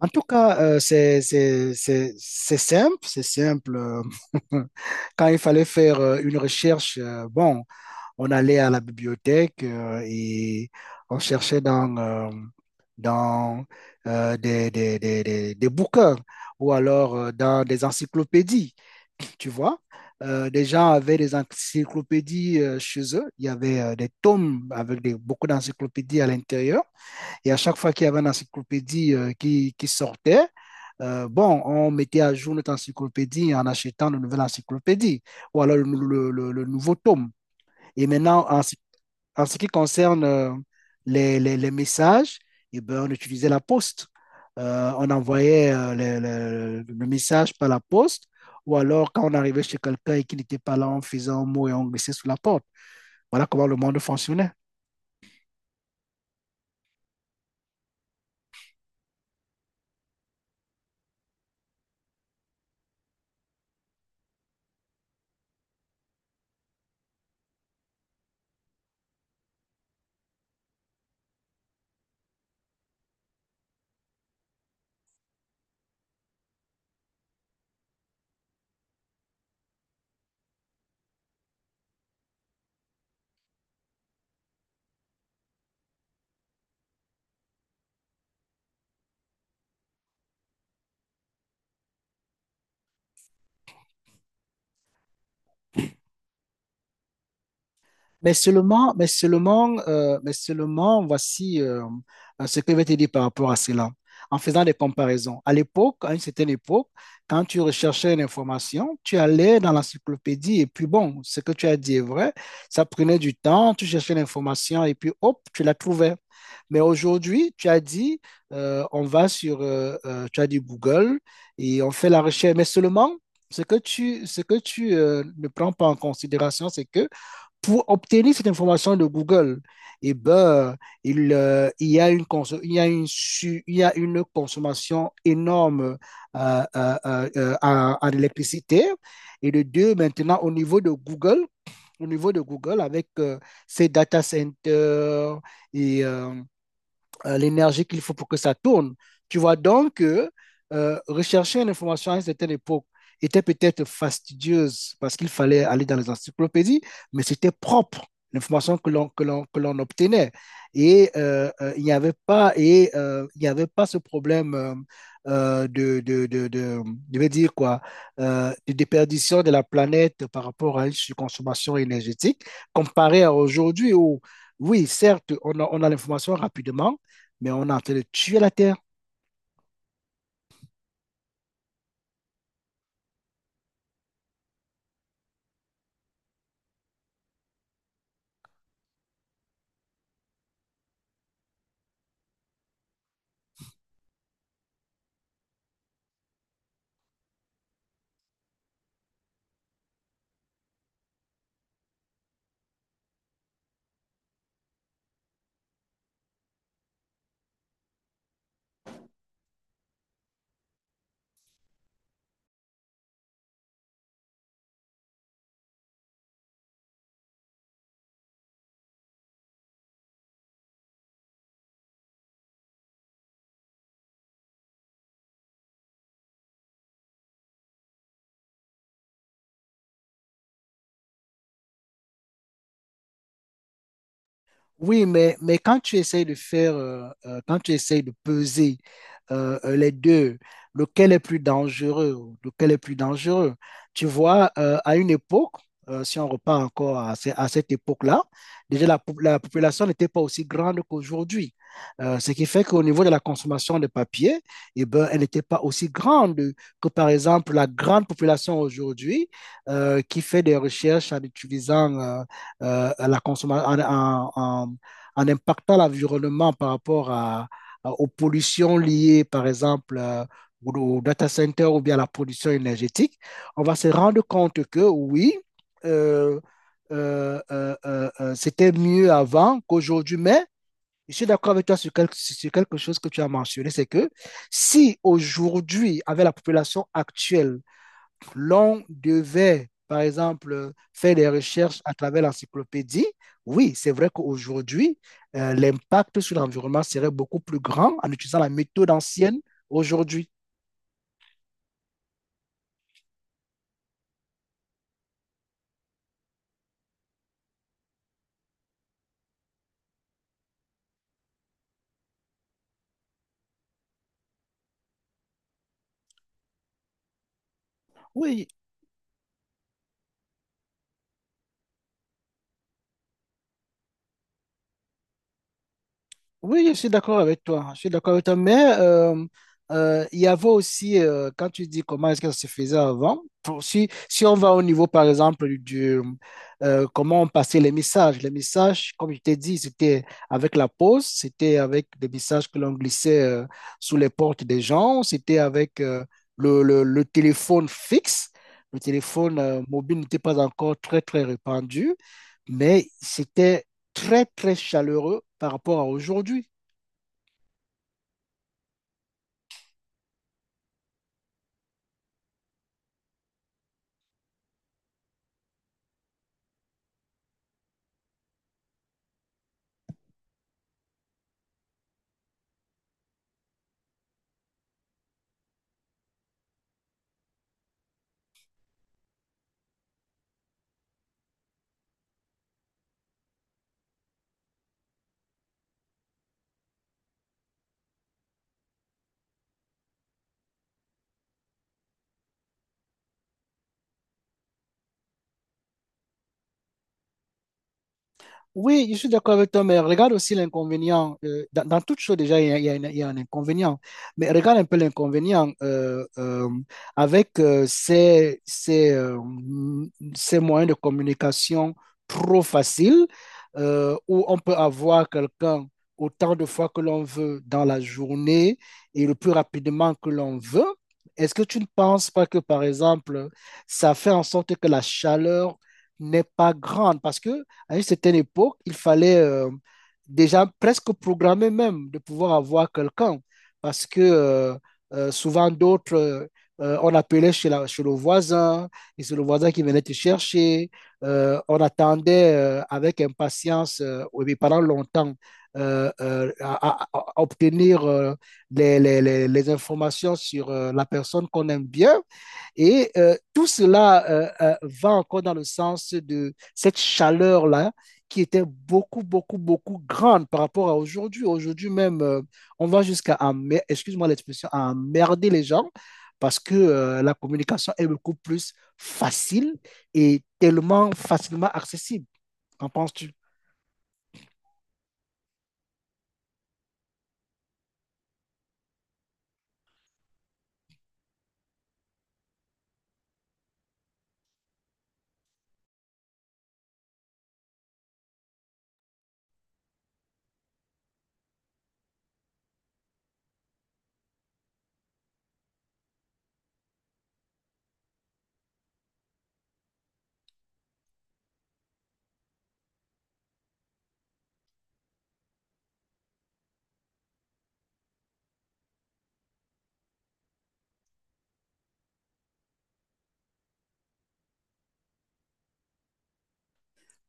En tout cas, c'est simple, c'est simple. Quand il fallait faire une recherche, bon, on allait à la bibliothèque et on cherchait dans, dans des bouquins ou alors dans des encyclopédies, tu vois. Des gens avaient des encyclopédies chez eux. Il y avait des tomes avec des, beaucoup d'encyclopédies à l'intérieur. Et à chaque fois qu'il y avait une encyclopédie qui sortait, bon, on mettait à jour notre encyclopédie en achetant une nouvelle encyclopédie ou alors le nouveau tome. Et maintenant, en ce qui concerne les messages, eh ben, on utilisait la poste. On envoyait le message par la poste ou alors quand on arrivait chez quelqu'un et qu'il n'était pas là, on faisait un mot et on glissait sous la porte. Voilà comment le monde fonctionnait. Mais seulement, voici ce que je vais te dire par rapport à cela, en faisant des comparaisons. À une certaine époque, quand tu recherchais une information, tu allais dans l'encyclopédie et puis bon, ce que tu as dit est vrai, ça prenait du temps, tu cherchais l'information et puis hop, tu la trouvais. Mais aujourd'hui, tu as dit, tu as dit Google et on fait la recherche, mais seulement... Ce que tu ne prends pas en considération, c'est que pour obtenir cette information de Google, eh ben, il y a une conso- il y a une su- il y a une consommation énorme en électricité. Et de deux, maintenant, au niveau de Google, avec ses data centers et l'énergie qu'il faut pour que ça tourne. Tu vois donc que rechercher une information à une certaine époque était peut-être fastidieuse parce qu'il fallait aller dans les encyclopédies, mais c'était propre l'information que l'on obtenait et il n'y avait pas et il n'y avait pas ce problème de- je vais dire quoi de déperdition de la planète par rapport à une consommation énergétique comparé à aujourd'hui où oui certes on a l'information rapidement mais on est en train de tuer la terre. Oui, mais quand tu essayes de faire, quand tu essayes de peser les deux, lequel est plus dangereux, tu vois, à une époque, si on repart encore à cette époque-là, déjà la population n'était pas aussi grande qu'aujourd'hui. Ce qui fait qu'au niveau de la consommation de papier, eh ben, elle n'était pas aussi grande que, par exemple, la grande population aujourd'hui qui fait des recherches en utilisant à la consommation, en, en- en- en impactant l'environnement par rapport à- aux pollutions liées, par exemple, au data center ou bien à la production énergétique, on va se rendre compte que oui, euh, c'était mieux avant qu'aujourd'hui, mais je suis d'accord avec toi sur quelque chose que tu as mentionné, c'est que si aujourd'hui, avec la population actuelle, l'on devait, par exemple, faire des recherches à travers l'encyclopédie, oui, c'est vrai qu'aujourd'hui, l'impact sur l'environnement serait beaucoup plus grand en utilisant la méthode ancienne aujourd'hui. Oui, Oui, je suis d'accord avec toi. Je suis d'accord avec toi. Mais il y avait aussi, quand tu dis comment est-ce que ça se faisait avant, si, si on va au niveau, par exemple, du comment on passait les messages. Les messages, comme je t'ai dit, c'était avec la poste, c'était avec des messages que l'on glissait sous les portes des gens, c'était avec le téléphone fixe. Le téléphone mobile n'était pas encore très, très répandu, mais c'était très, très chaleureux par rapport à aujourd'hui. Oui, je suis d'accord avec toi, mais regarde aussi l'inconvénient. Dans toute chose, déjà, il y a un inconvénient. Mais regarde un peu l'inconvénient avec ces moyens de communication trop faciles, où on peut avoir quelqu'un autant de fois que l'on veut dans la journée et le plus rapidement que l'on veut. Est-ce que tu ne penses pas que, par exemple, ça fait en sorte que la chaleur n'est pas grande? Parce que à une certaine époque, il fallait déjà presque programmer même de pouvoir avoir quelqu'un parce que souvent d'autres, on appelait chez le voisin et c'est le voisin qui venait te chercher. On attendait avec impatience et pendant longtemps à obtenir les informations sur la personne qu'on aime bien. Et tout cela va encore dans le sens de cette chaleur-là qui était beaucoup, beaucoup, beaucoup grande par rapport à aujourd'hui. Aujourd'hui même, on va jusqu'à excuse-moi l'expression, à emmerder les gens parce que la communication est beaucoup plus facile et tellement facilement accessible. Qu'en penses-tu?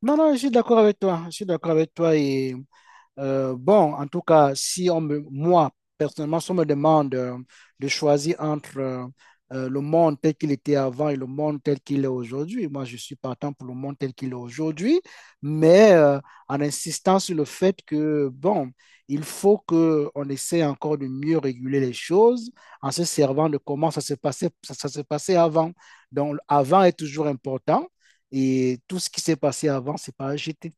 Non, non, je suis d'accord avec toi. Je suis d'accord avec toi et bon, en tout cas, si on me, moi, personnellement, si on me demande de choisir entre le monde tel qu'il était avant et le monde tel qu'il est aujourd'hui, moi, je suis partant pour le monde tel qu'il est aujourd'hui, mais en insistant sur le fait que, bon, il faut qu'on essaie encore de mieux réguler les choses en se servant de comment ça se passait, ça se passait avant. Donc, avant est toujours important et tout ce qui s'est passé avant, c'est pas à jeter.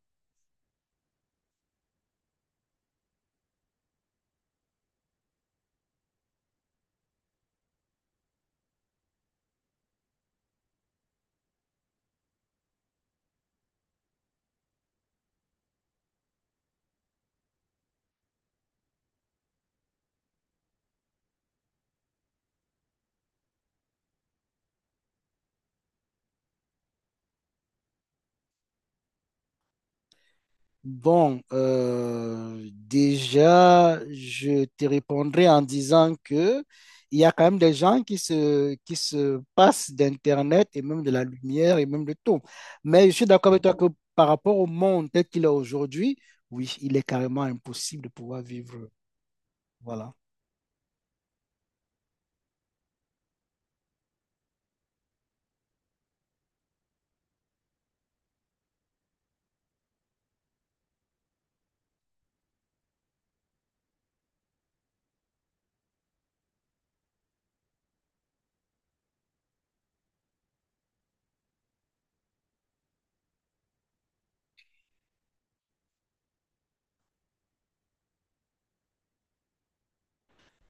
Bon, déjà, je te répondrai en disant que il y a quand même des gens qui se passent d'Internet et même de la lumière et même de tout. Mais je suis d'accord avec toi que par rapport au monde tel qu'il est aujourd'hui, oui, il est carrément impossible de pouvoir vivre. Voilà.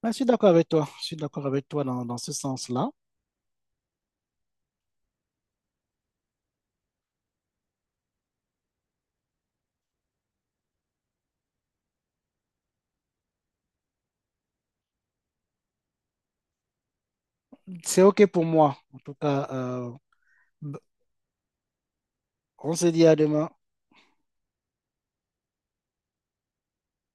Mais je suis d'accord avec toi. Je suis d'accord avec toi dans ce sens-là. C'est OK pour moi. En tout cas, on se dit à demain.